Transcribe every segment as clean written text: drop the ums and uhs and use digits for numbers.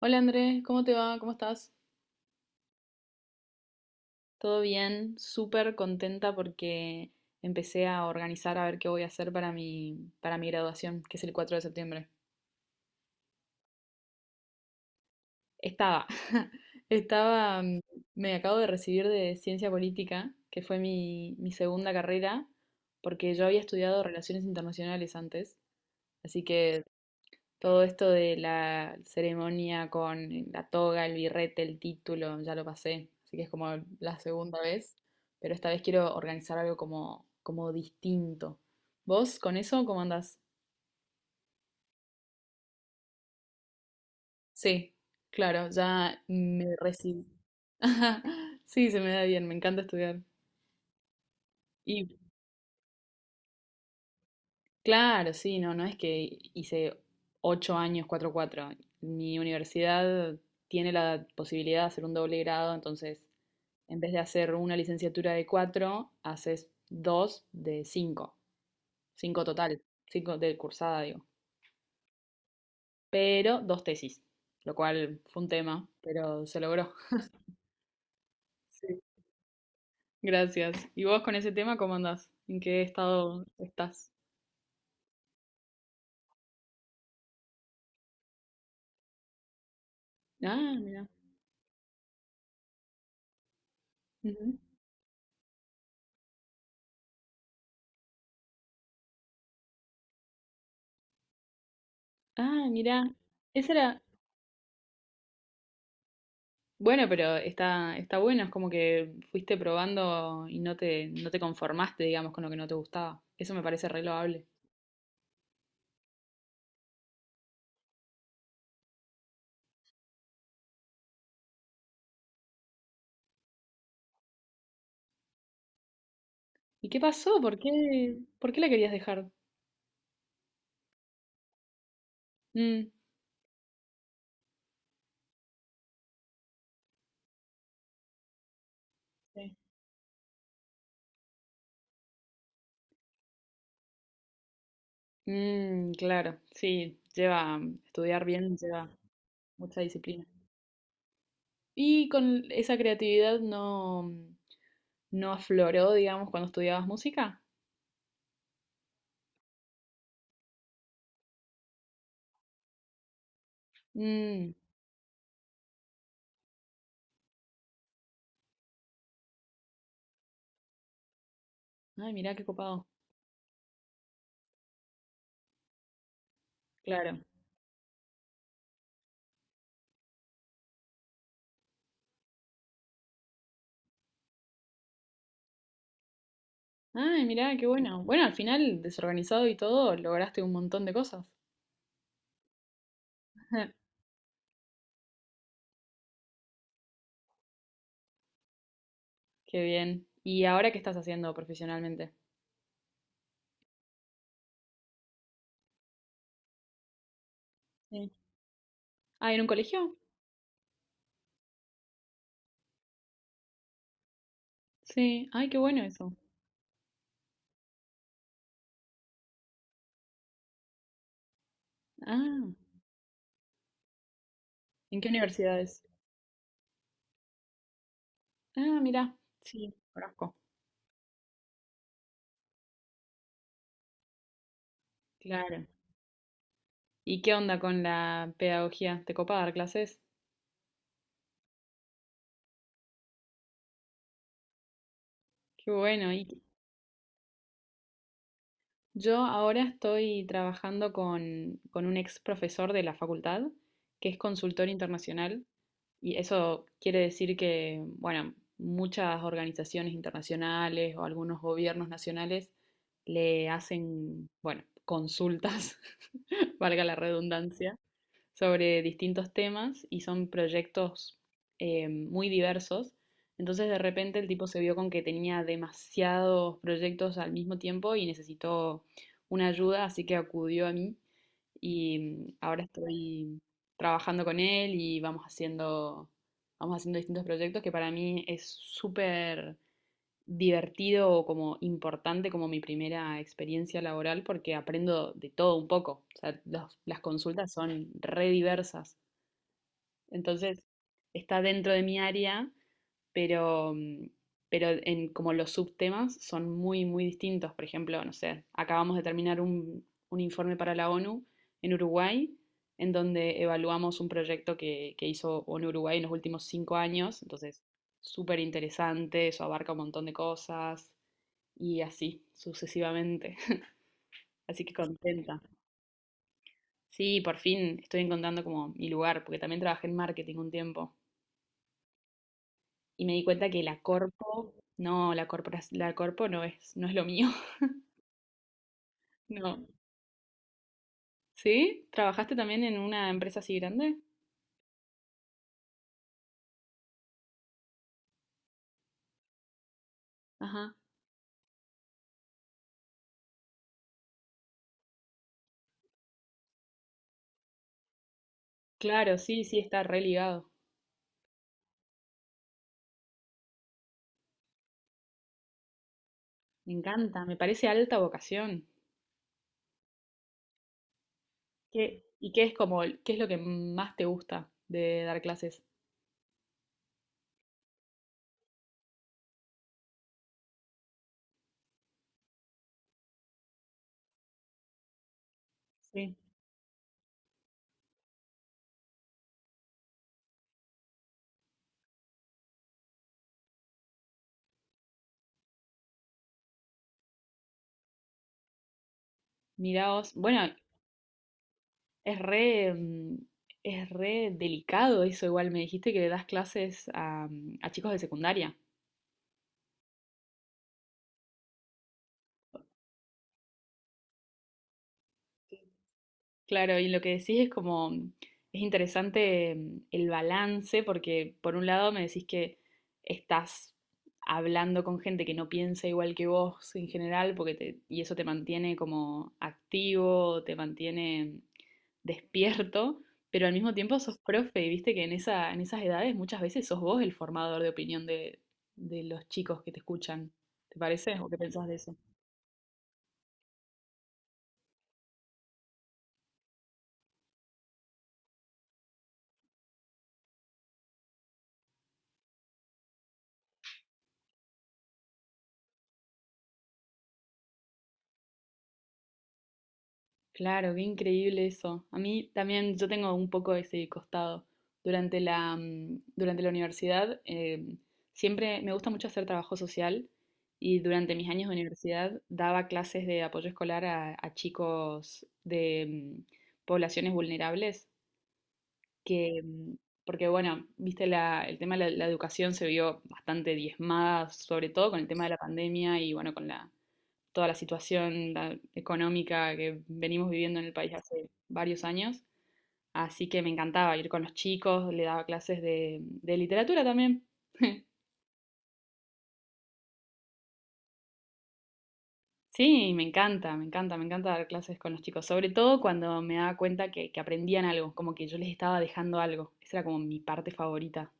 Hola Andrés, ¿cómo te va? ¿Cómo estás? Todo bien, súper contenta porque empecé a organizar a ver qué voy a hacer para para mi graduación, que es el 4 de septiembre. Estaba, estaba, mm, me acabo de recibir de ciencia política, que fue mi segunda carrera, porque yo había estudiado relaciones internacionales antes, así que todo esto de la ceremonia con la toga, el birrete, el título, ya lo pasé, así que es como la segunda vez, pero esta vez quiero organizar algo como distinto. ¿Vos con eso cómo andás? Sí, claro, ya me recibí. Ajá, sí, se me da bien, me encanta estudiar. Claro, sí, no es que hice ocho años cuatro. Mi universidad tiene la posibilidad de hacer un doble grado, entonces en vez de hacer una licenciatura de cuatro, haces dos de cinco, cinco total, cinco de cursada, digo, pero dos tesis, lo cual fue un tema, pero se logró. Sí. Gracias. ¿Y vos con ese tema cómo andás? ¿En qué estado estás? Ah, mira. Ah, mira. Esa era. Bueno, pero está bueno, es como que fuiste probando y no te conformaste, digamos, con lo que no te gustaba. Eso me parece re loable. ¿Y qué pasó? ¿ por qué la querías dejar? Mm. Sí. Mm, claro, estudiar bien lleva mucha disciplina. ¿Y con esa creatividad no afloró, digamos, cuando estudiabas música? Mm, ay, mirá qué copado. Claro. Ay, mirá, qué bueno. Bueno, al final, desorganizado y todo, lograste un montón de cosas. Qué bien. ¿Y ahora qué estás haciendo profesionalmente? Sí. Ah, ¿en un colegio? Sí. Ay, qué bueno eso. Ah, ¿en qué universidades? Ah, mira. Sí, conozco. Claro. ¿Y qué onda con la pedagogía? ¿Te copa dar clases? Qué bueno. Y yo ahora estoy trabajando con un ex profesor de la facultad, que es consultor internacional, y eso quiere decir que, bueno, muchas organizaciones internacionales o algunos gobiernos nacionales le hacen, bueno, consultas, valga la redundancia, sobre distintos temas y son proyectos muy diversos. Entonces de repente el tipo se vio con que tenía demasiados proyectos al mismo tiempo y necesitó una ayuda, así que acudió a mí y ahora estoy trabajando con él y vamos haciendo distintos proyectos que para mí es súper divertido o como importante como mi primera experiencia laboral porque aprendo de todo un poco. O sea, las consultas son re diversas. Entonces, está dentro de mi área, pero, pero en como los subtemas son muy distintos. Por ejemplo, no sé, acabamos de terminar un informe para la ONU en Uruguay, en donde evaluamos un proyecto que hizo ONU Uruguay en los últimos cinco años. Entonces, súper interesante, eso abarca un montón de cosas y así sucesivamente. Así que contenta. Sí, por fin estoy encontrando como mi lugar, porque también trabajé en marketing un tiempo y me di cuenta que la corpo no es lo mío. No. ¿Sí? ¿Trabajaste también en una empresa así grande? Ajá. Claro, sí, sí, está re ligado. Me encanta, me parece alta vocación. ¿Qué, y qué es como, qué es lo que más te gusta de dar clases? Sí. Miraos, bueno, es re, es re delicado eso, igual me dijiste que le das clases a, a chicos de secundaria. Claro, y lo que decís es como, mm, es interesante mm, el balance, porque por un lado me decís que estás hablando con gente que no piensa igual que vos en general, y eso te mantiene como activo, te mantiene despierto, pero al mismo tiempo sos profe, y viste que en en esas edades muchas veces sos vos el formador de opinión de los chicos que te escuchan. ¿Te parece? ¿O qué pensás de eso? Claro, qué increíble eso. A mí también, yo tengo un poco ese costado. Durante durante la universidad, siempre me gusta mucho hacer trabajo social y durante mis años de universidad daba clases de apoyo escolar a chicos de mm, poblaciones vulnerables, que, mm, porque bueno, viste, el tema de la educación se vio bastante diezmada, sobre todo con el tema de la pandemia y bueno, con la, toda la situación la económica que venimos viviendo en el país hace varios años. Así que me encantaba ir con los chicos, le daba clases de literatura también. Sí, me encanta, me encanta, me encanta dar clases con los chicos, sobre todo cuando me daba cuenta que aprendían algo, como que yo les estaba dejando algo. Esa era como mi parte favorita.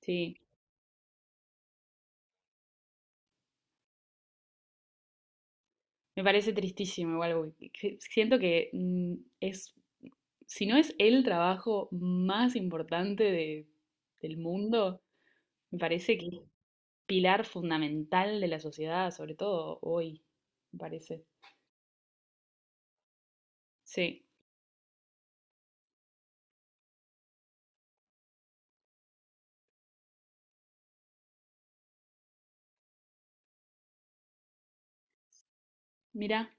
Sí, me parece tristísimo igual, siento que mm, es, si no es el trabajo más importante del mundo, me parece que es pilar fundamental de la sociedad, sobre todo hoy, me parece. Sí, mira,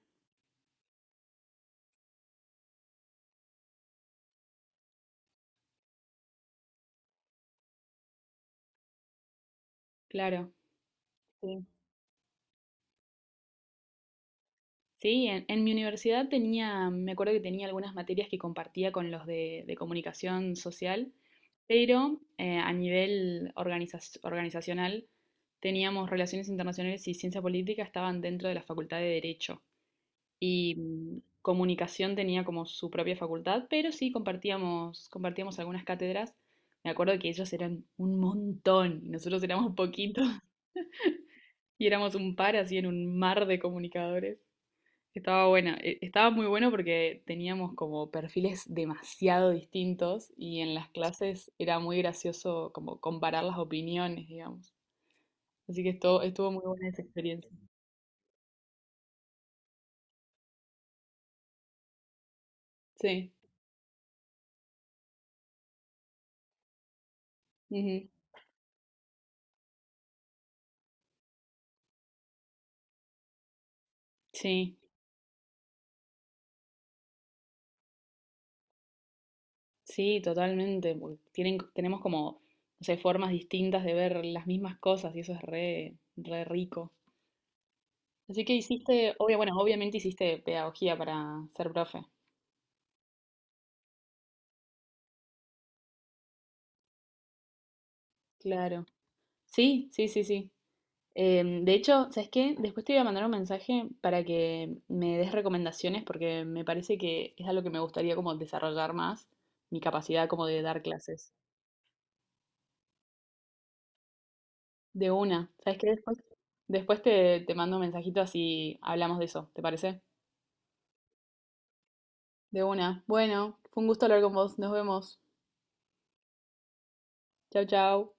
claro. Sí, sí, en mi universidad tenía, me acuerdo que tenía algunas materias que compartía con los de comunicación social, pero a nivel organizacional teníamos relaciones internacionales y ciencia política estaban dentro de la facultad de Derecho. Y mm, comunicación tenía como su propia facultad, pero sí compartíamos, compartíamos algunas cátedras. Me acuerdo que ellos eran un montón y nosotros éramos poquitos y éramos un par así en un mar de comunicadores. Estaba muy bueno porque teníamos como perfiles demasiado distintos y en las clases era muy gracioso como comparar las opiniones, digamos. Así que estuvo muy buena esa experiencia. Sí, ujú, sí. Sí, totalmente, porque tenemos como, no sé, formas distintas de ver las mismas cosas y eso es re, re rico. Así que hiciste, bueno, obviamente hiciste pedagogía para ser profe. Claro. Sí, sí, sí, sí. Em, de hecho, ¿sabes qué? Después te voy a mandar un mensaje para que me des recomendaciones porque me parece que es algo que me gustaría como desarrollar más, mi capacidad como de dar clases. De una. ¿Sabes qué? Después, te mando un mensajito así hablamos de eso, ¿te parece? De una. Bueno, fue un gusto hablar con vos. Nos vemos. Chau, chau.